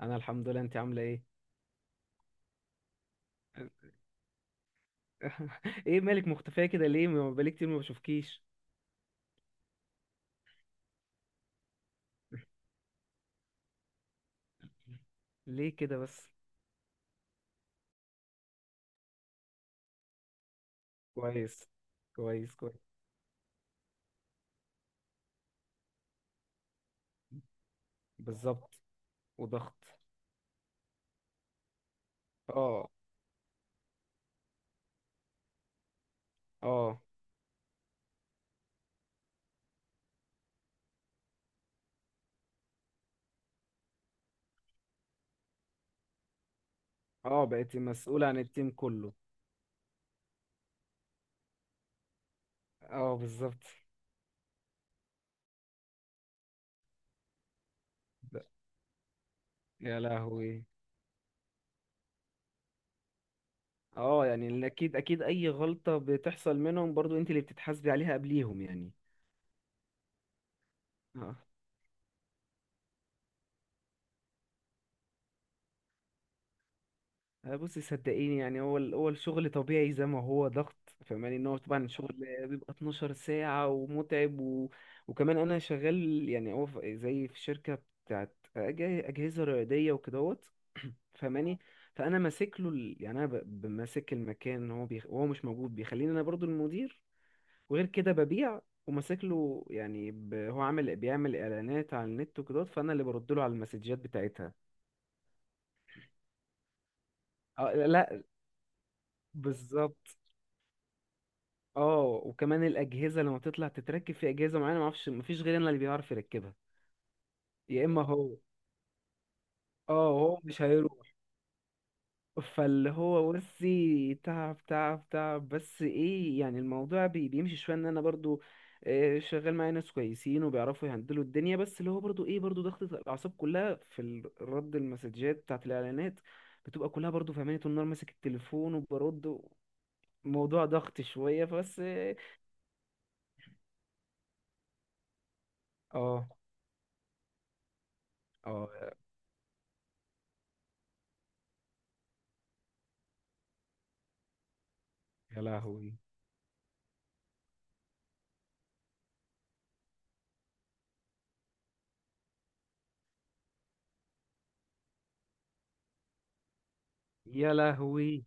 انا الحمد لله. انت عامله ايه؟ ايه مالك مختفيه كده؟ ليه ما بقالي كتير ما بشوفكيش؟ ليه كده بس؟ كويس. كويس. بالظبط، وضغط. اه. اه. اه، بقيتي مسؤوله عن التيم كله. اه بالظبط. ب- يا لهوي. اه يعني اكيد، اكيد، اي غلطه بتحصل منهم برضو انت اللي بتتحاسبي عليها قبليهم يعني. بصي صدقيني، يعني هو الشغل طبيعي زي ما هو ضغط. فاهماني، ان هو طبعا الشغل بيبقى 12 ساعة ومتعب وكمان انا شغال. يعني هو زي في شركة بتاعت أجهزة رياضية وكدهوت. فاهماني. فانا ماسك له ال... يعني انا ب... ب- ماسك المكان. وهو مش موجود، بيخليني انا برضو المدير. وغير كده ببيع وماسك له. هو عامل، بيعمل اعلانات على النت وكدهوت، فانا اللي برد له على المسجات بتاعتها. اه، لا. بالظبط. اه، وكمان الاجهزه لما بتطلع تتركب في اجهزه معينه، ما اعرفش ما فيش غيرنا اللي بيعرف يركبها. يا اما هو. اه، هو مش هيروح. فاللي هو بصي، تعب تعب تعب، بس ايه يعني الموضوع بيمشي شويه ان انا برضو شغال معايا ناس كويسين وبيعرفوا يهندلوا الدنيا. بس اللي هو برضو ايه، برضو ضغطة الاعصاب كلها في رد المسجات بتاعت الاعلانات بتبقى كلها برضو. فاهماني، طول النهار ماسك التليفون وبرد. موضوع ضغط شويه فبس. اه. اه. يا لهوي. يا لهوي.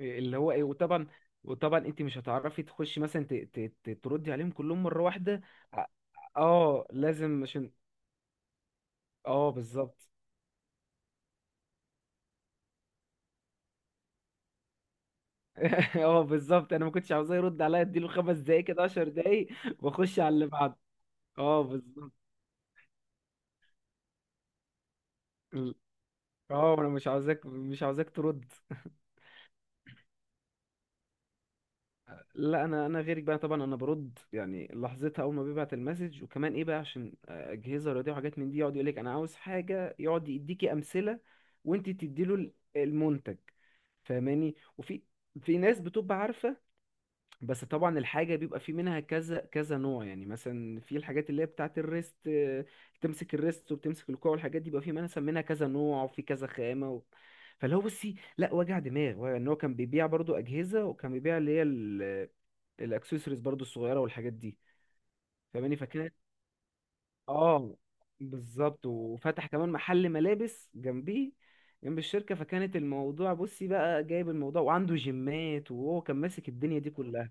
اللي هو ايه. وطبعا، وطبعا انت مش هتعرفي تخشي مثلا تردي عليهم كلهم مره واحده. ع- اه، لازم عشان. اه بالظبط. اه بالظبط، انا ما كنتش عاوزاه يرد عليا. اديله خمس دقايق كده، 10 دقايق، واخش على اللي بعده. اه بالظبط. ال- اه، انا مش عاوزاك، مش عاوزاك ترد. لا انا، انا غيرك بقى طبعا، انا برد يعني لحظتها اول ما بيبعت المسج. وكمان ايه بقى، عشان اجهزه رياضيه وحاجات من دي، يقعد يقول لك انا عاوز حاجه، يقعد يديكي امثله وانت تديله المنتج. فاهماني. في ناس بتبقى عارفه. بس طبعا الحاجه بيبقى في منها كذا كذا نوع. يعني مثلا في الحاجات اللي هي بتاعه الريست، تمسك الريست وبتمسك الكوع والحاجات دي، بيبقى في منها كذا نوع وفي كذا خامه فاللي هو بصي، لا وجع دماغ. ان هو كان بيبيع برضو اجهزه وكان بيبيع اللي هي الاكسسوارز برضو الصغيره والحاجات دي. فاهماني فكانت. اه بالظبط، وفتح كمان محل ملابس جنبيه، جنب الشركه. فكانت الموضوع بصي بقى جايب الموضوع، وعنده جيمات، وهو كان ماسك الدنيا دي كلها.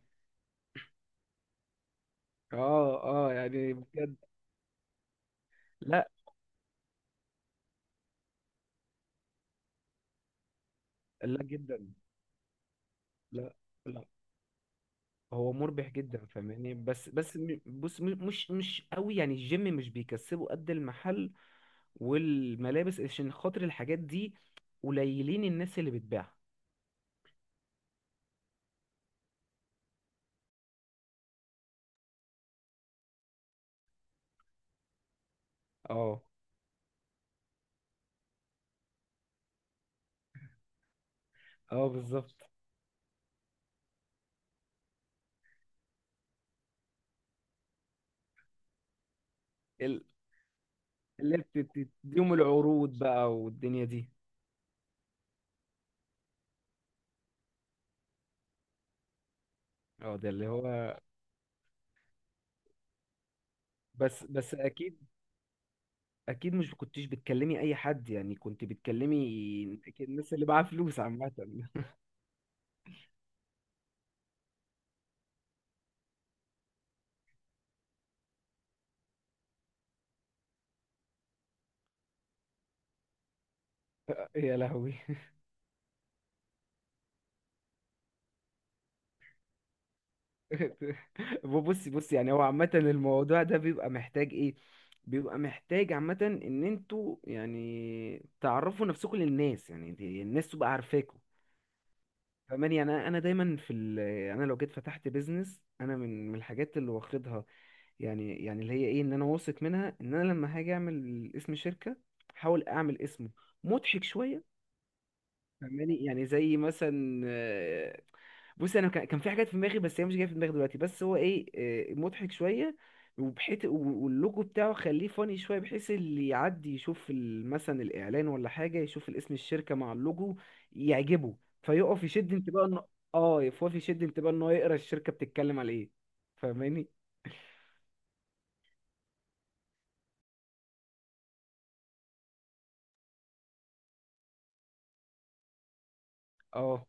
اه. اه يعني بجد. لا، لا جدا. لا. لا، هو مربح جدا فاهماني. بس مش مش قوي. يعني الجيم مش بيكسبه قد المحل والملابس، عشان خاطر الحاجات دي قليلين الناس اللي بتبيعها. اه. اه بالظبط. ال- اللي بتديهم العروض بقى والدنيا دي. اه ده اللي هو. بس، بس اكيد، اكيد مش كنتيش بتكلمي اي حد، يعني كنت بتكلمي أكيد الناس اللي معاها فلوس عامة. يا لهوي. بصي بصي، يعني هو عامة الموضوع ده بيبقى محتاج ايه، بيبقى محتاج عامة ان انتوا يعني تعرفوا نفسكم للناس. يعني الناس تبقى عارفاكوا. فاهماني يعني انا، أنا دايما في انا لو جيت فتحت بيزنس انا، من الحاجات اللي واخدها، يعني اللي هي ايه، ان انا واثق منها ان انا لما هاجي اعمل اسم شركه، احاول اعمل اسمه مضحك شويه. فاهماني، يعني زي مثلا بص، انا كان في حاجات في دماغي بس هي مش جايه في دماغي دلوقتي. بس هو ايه، مضحك شويه. وبحيث واللوجو بتاعه خليه فاني شويه، بحيث اللي يعدي يشوف مثلا الاعلان ولا حاجه، يشوف الاسم الشركه مع اللوجو يعجبه فيقف يشد انتباهه انه. اه، يقف يشد انتباهه ان هو يقرا الشركه بتتكلم على ايه. فاهماني. اه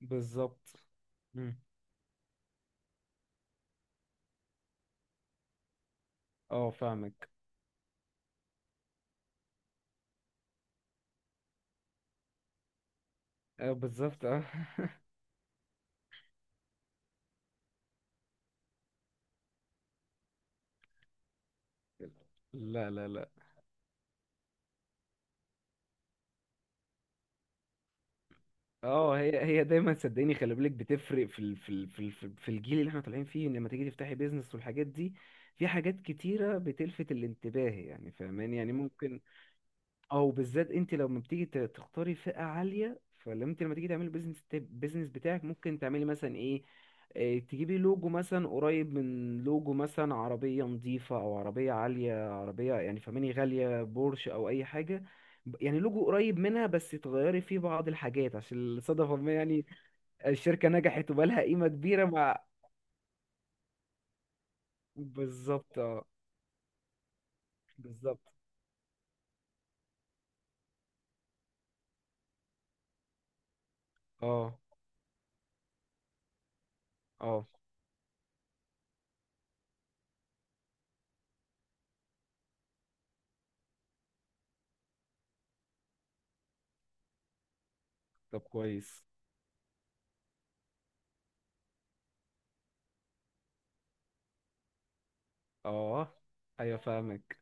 بالظبط. مم. اه فاهمك. اه بالظبط اه. لا لا لا. اه، هي هي دايما صدقيني، خلي بالك، بتفرق في ال في ال في ال في الجيل اللي احنا طالعين فيه، إن لما تيجي تفتحي بيزنس والحاجات دي، في حاجات كتيرة بتلفت الانتباه. يعني فاهماني، يعني ممكن، او بالذات انت لما بتيجي تختاري فئة عالية، فلما انت لما تيجي تعملي بيزنس، بيزنس بتاعك ممكن تعملي مثلا ايه، تجيبي لوجو مثلا قريب من لوجو مثلا عربية نظيفة او عربية عالية، عربية يعني فماني غالية، بورش او اي حاجة. يعني لوجو قريب منها بس تغيري فيه بعض الحاجات عشان صدفة ما يعني الشركة نجحت وبقالها قيمة كبيرة مع. بالظبط اه. بالظبط. اه. اه. طب كويس. اه. ايوه فاهمك.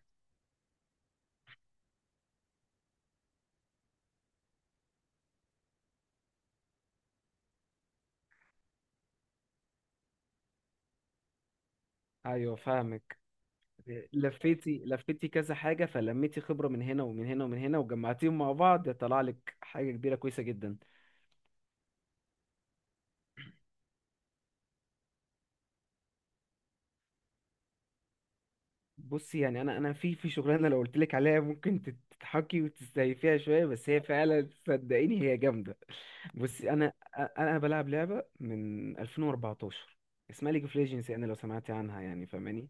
ايوه فاهمك. لفيتي، لفيتي كذا حاجة، فلميتي خبرة من هنا ومن هنا ومن هنا، وجمعتيهم مع بعض طلع لك حاجة كبيرة كويسة جدا. بصي يعني انا، انا في في شغلانة لو قلت لك عليها ممكن تضحكي وتستهي فيها شوية، بس هي فعلا صدقيني هي جامدة. بصي انا، انا أنا بلعب لعبة من 2014 اسمها ليج اوف ليجندز، يعني لو سمعتي عنها يعني فاهماني.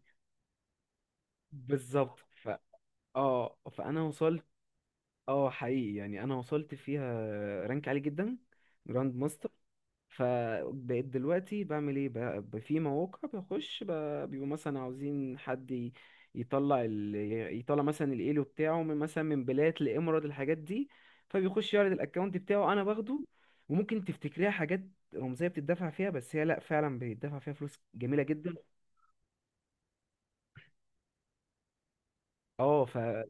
بالظبط ف، اه فانا وصلت. اه حقيقي، يعني انا وصلت فيها رانك عالي جدا، جراند. فبقيت دلوقتي بعمل ايه بقى، في مواقع بخش، بيبقوا مثلا عاوزين حد يطلع يطلع مثلا الايلو بتاعه من مثلا من بلاد لامارات، الحاجات دي. فبيخش يعرض الاكونت بتاعه، انا باخده. وممكن تفتكريها حاجات رمزيه بتدفع فيها، بس هي لا، فعلا بيدفع فيها فلوس جميله جدا. اه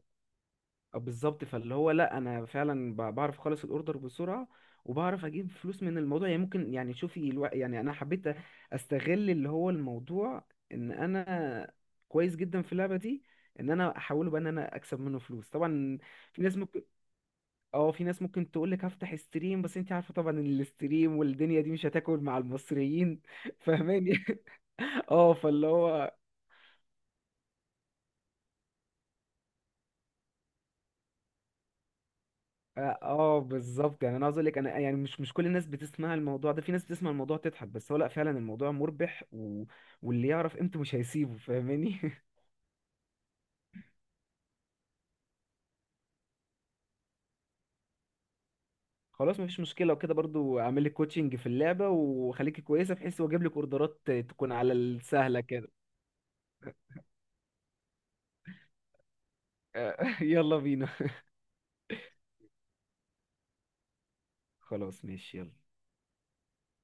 بالظبط. فاللي هو لا، انا فعلا بعرف اخلص الاوردر بسرعه وبعرف اجيب فلوس من الموضوع. يعني ممكن، يعني شوفي يعني انا حبيت استغل اللي هو الموضوع ان انا كويس جدا في اللعبه دي، ان انا احوله بقى ان انا اكسب منه فلوس طبعا. في ناس ممكن، اه في ناس ممكن تقول لك هفتح ستريم، بس انت عارفه طبعا ان الاستريم والدنيا دي مش هتاكل مع المصريين. فاهماني. اه فاللي هو، اه بالظبط. يعني انا عاوز اقول لك، انا يعني مش، مش كل الناس بتسمع الموضوع ده، في ناس بتسمع الموضوع تضحك، بس هو لا، فعلا الموضوع مربح واللي يعرف قيمته مش هيسيبه. فاهماني. خلاص مفيش مشكله، وكده برضو اعمل لك كوتشنج في اللعبه وخليكي كويسه، بحيث واجيب لك اوردرات تكون على السهله كده. يلا بينا. خلاص ماشي يلا.